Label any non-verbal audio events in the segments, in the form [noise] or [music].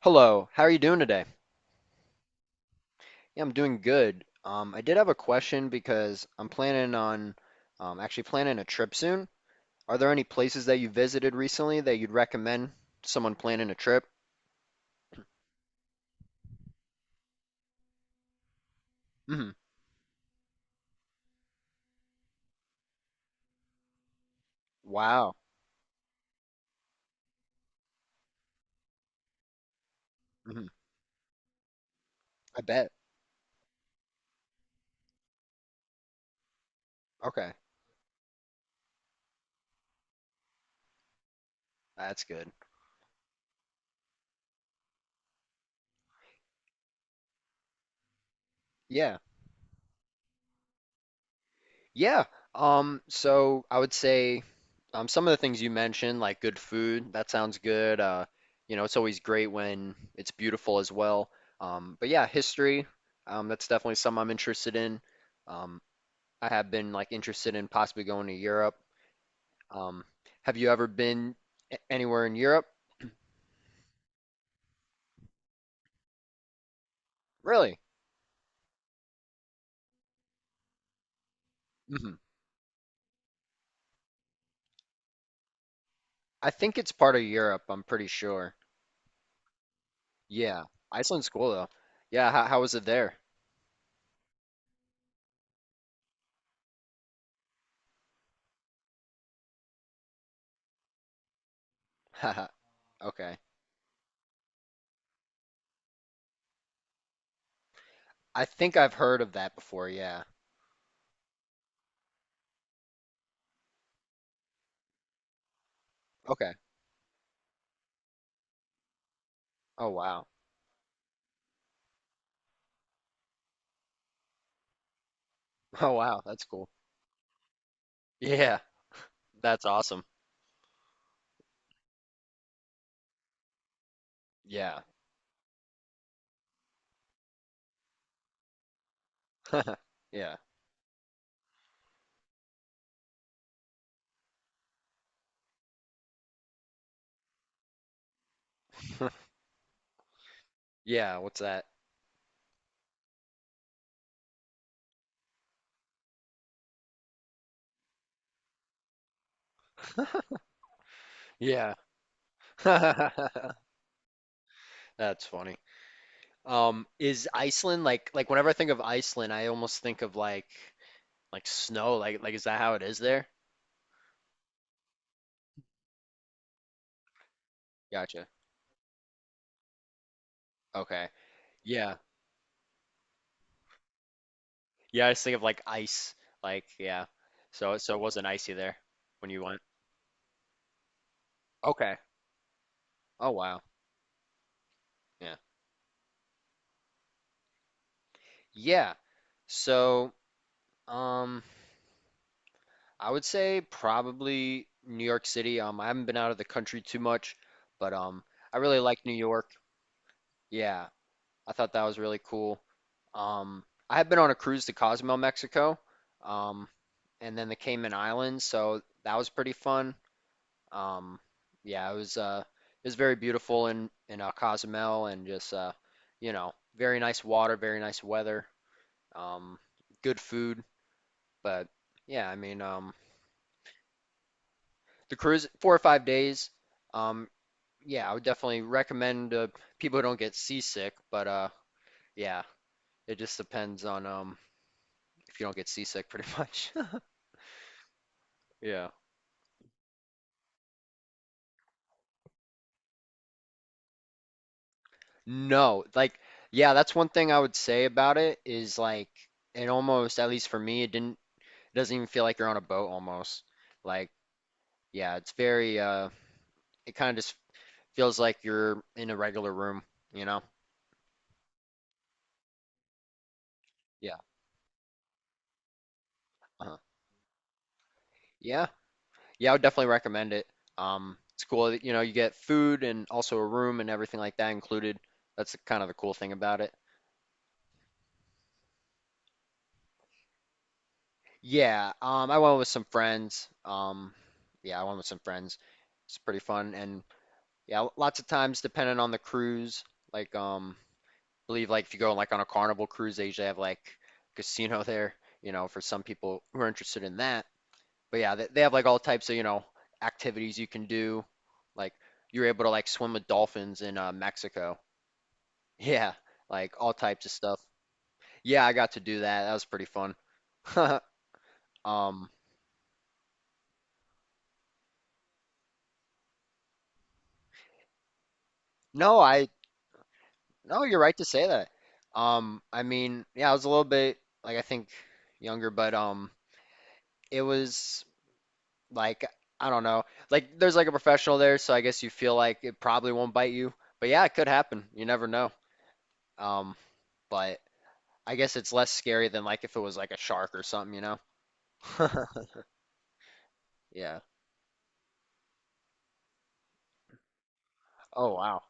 Hello, how are you doing today? Yeah, I'm doing good. I did have a question because I'm planning on actually planning a trip soon. Are there any places that you visited recently that you'd recommend someone planning a trip? Hmm. Wow. Hmm. I bet. Okay, that's good. Yeah. Yeah. So I would say some of the things you mentioned, like good food, that sounds good. It's always great when it's beautiful as well. But yeah, history, that's definitely something I'm interested in. Um, I have been like interested in possibly going to Europe. Um, have you ever been anywhere in Europe? Really? Hmm. I think it's part of Europe, I'm pretty sure. Yeah, Iceland's cool though. Yeah, how was it there? [laughs] Okay. I think I've heard of that before, yeah. Okay. Oh wow. [laughs] Oh wow, that's cool. Yeah, that's awesome. Yeah. [laughs] Yeah. Yeah, what's that? Yeah. [laughs] That's funny. Is Iceland like whenever I think of Iceland, I almost think of like snow, like is that how it is there? Gotcha. Okay. Yeah. Yeah, I just think of like ice. Like, yeah. So it wasn't icy there when you went. Okay. Oh wow. Yeah. Yeah. So, um I would say probably New York City. I haven't been out of the country too much, but I really like New York. Yeah, I thought that was really cool. Um, I had been on a cruise to Cozumel, Mexico, um, and then the Cayman Islands, so that was pretty fun. Um, yeah, it was very beautiful in Cozumel, and just very nice water, very nice weather, um, good food. But yeah, I mean, the cruise 4 or 5 days. Um, yeah, I would definitely recommend people who don't get seasick, but yeah, it just depends on if you don't get seasick, pretty much. [laughs] Yeah. No, like, yeah, that's one thing I would say about it is like it almost, at least for me, it doesn't even feel like you're on a boat almost. Like, yeah, it's very. It kind of just feels like you're in a regular room, you know? Yeah. Uh-huh. Yeah. Yeah, I would definitely recommend it. It's cool that, you know, you get food and also a room and everything like that included. That's kind of the cool thing about it. Yeah, I went with some friends. Yeah, I went with some friends. It's pretty fun and yeah, lots of times depending on the cruise, like believe like if you go like on a Carnival cruise, they usually have like casino [laughs] there, you know, for some people who are interested in that. But yeah, they have like all types of, you know, activities you can do. Like you are able to like swim with dolphins in Mexico. Yeah, like all types of stuff. Yeah, I got to do that. That was pretty fun. [laughs] Um, no, I no, you're right to say that. I mean, yeah, I was a little bit like I think younger, but it was like I don't know, like there's like a professional there, so I guess you feel like it probably won't bite you. But yeah, it could happen. You never know. Um, but I guess it's less scary than like if it was like a shark or something, you know? [laughs] Yeah. Oh wow.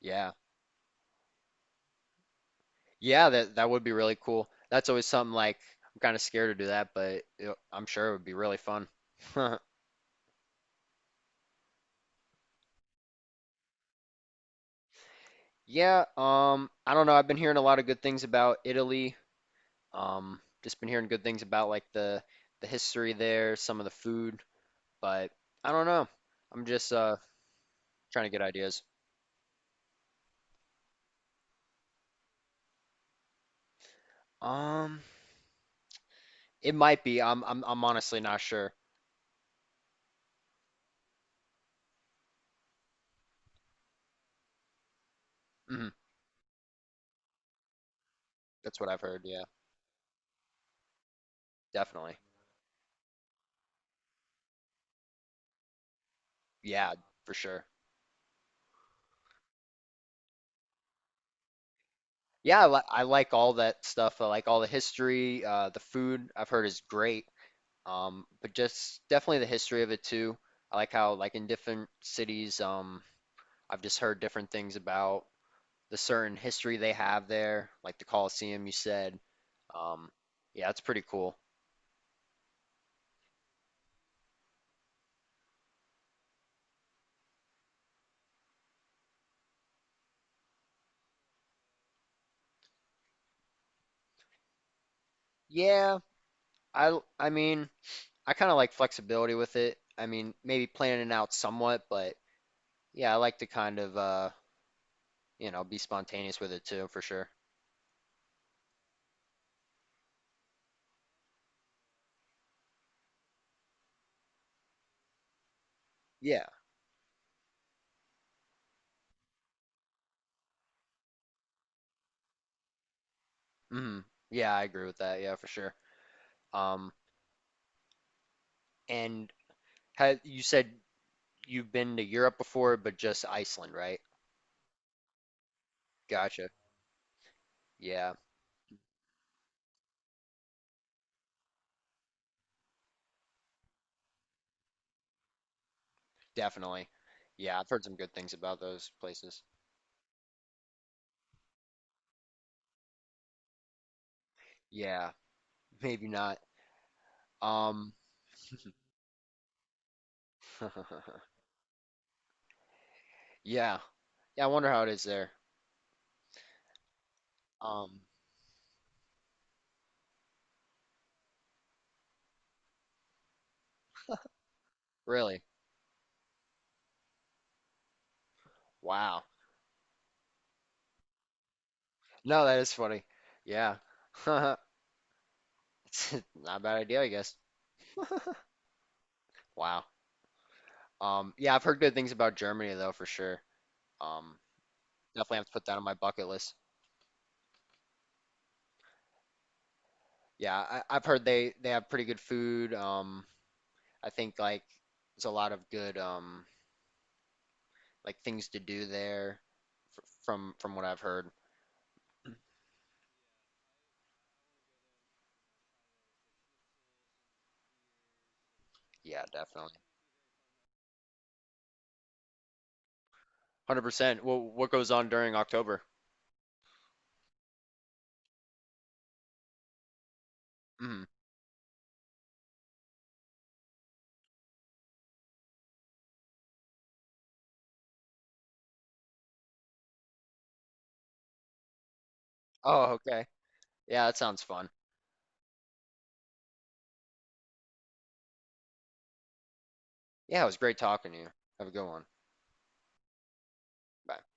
Yeah. Yeah, that would be really cool. That's always something like I'm kind of scared to do that, but I'm sure it would be really fun. [laughs] Yeah, I don't know. I've been hearing a lot of good things about Italy. Just been hearing good things about like the history there, some of the food, but I don't know. I'm just trying to get ideas. Um, it might be. I'm honestly not sure. Mhm. That's what I've heard. Yeah, definitely. Yeah, for sure. Yeah, I like all that stuff. I like all the history. The food I've heard is great. But just definitely the history of it too. I like how like in different cities, I've just heard different things about the certain history they have there, like the Colosseum you said. Um, yeah, it's pretty cool. Yeah, I mean, I kind of like flexibility with it. I mean, maybe planning it out somewhat, but yeah, I like to kind of you know, be spontaneous with it too, for sure. Yeah. Hmm. Yeah, I agree with that. Yeah, for sure. Um, and had you said you've been to Europe before, but just Iceland, right? Gotcha. Yeah, definitely. Yeah, I've heard some good things about those places. Yeah, maybe not. Um, [laughs] yeah, yeah. I wonder how it is there. Um, really? Wow. No, that is funny. Yeah. [laughs] It's not a bad idea, I guess. [laughs] Wow. Yeah, I've heard good things about Germany though, for sure. Um, definitely have to put that on my bucket list. Yeah, I've heard they have pretty good food. I think like there's a lot of good like things to do there from what I've heard. Yeah, definitely. 100%. Well, what goes on during October? Mhm. Oh, okay. Yeah, that sounds fun. Yeah, it was great talking to you. Have a good one. Bye.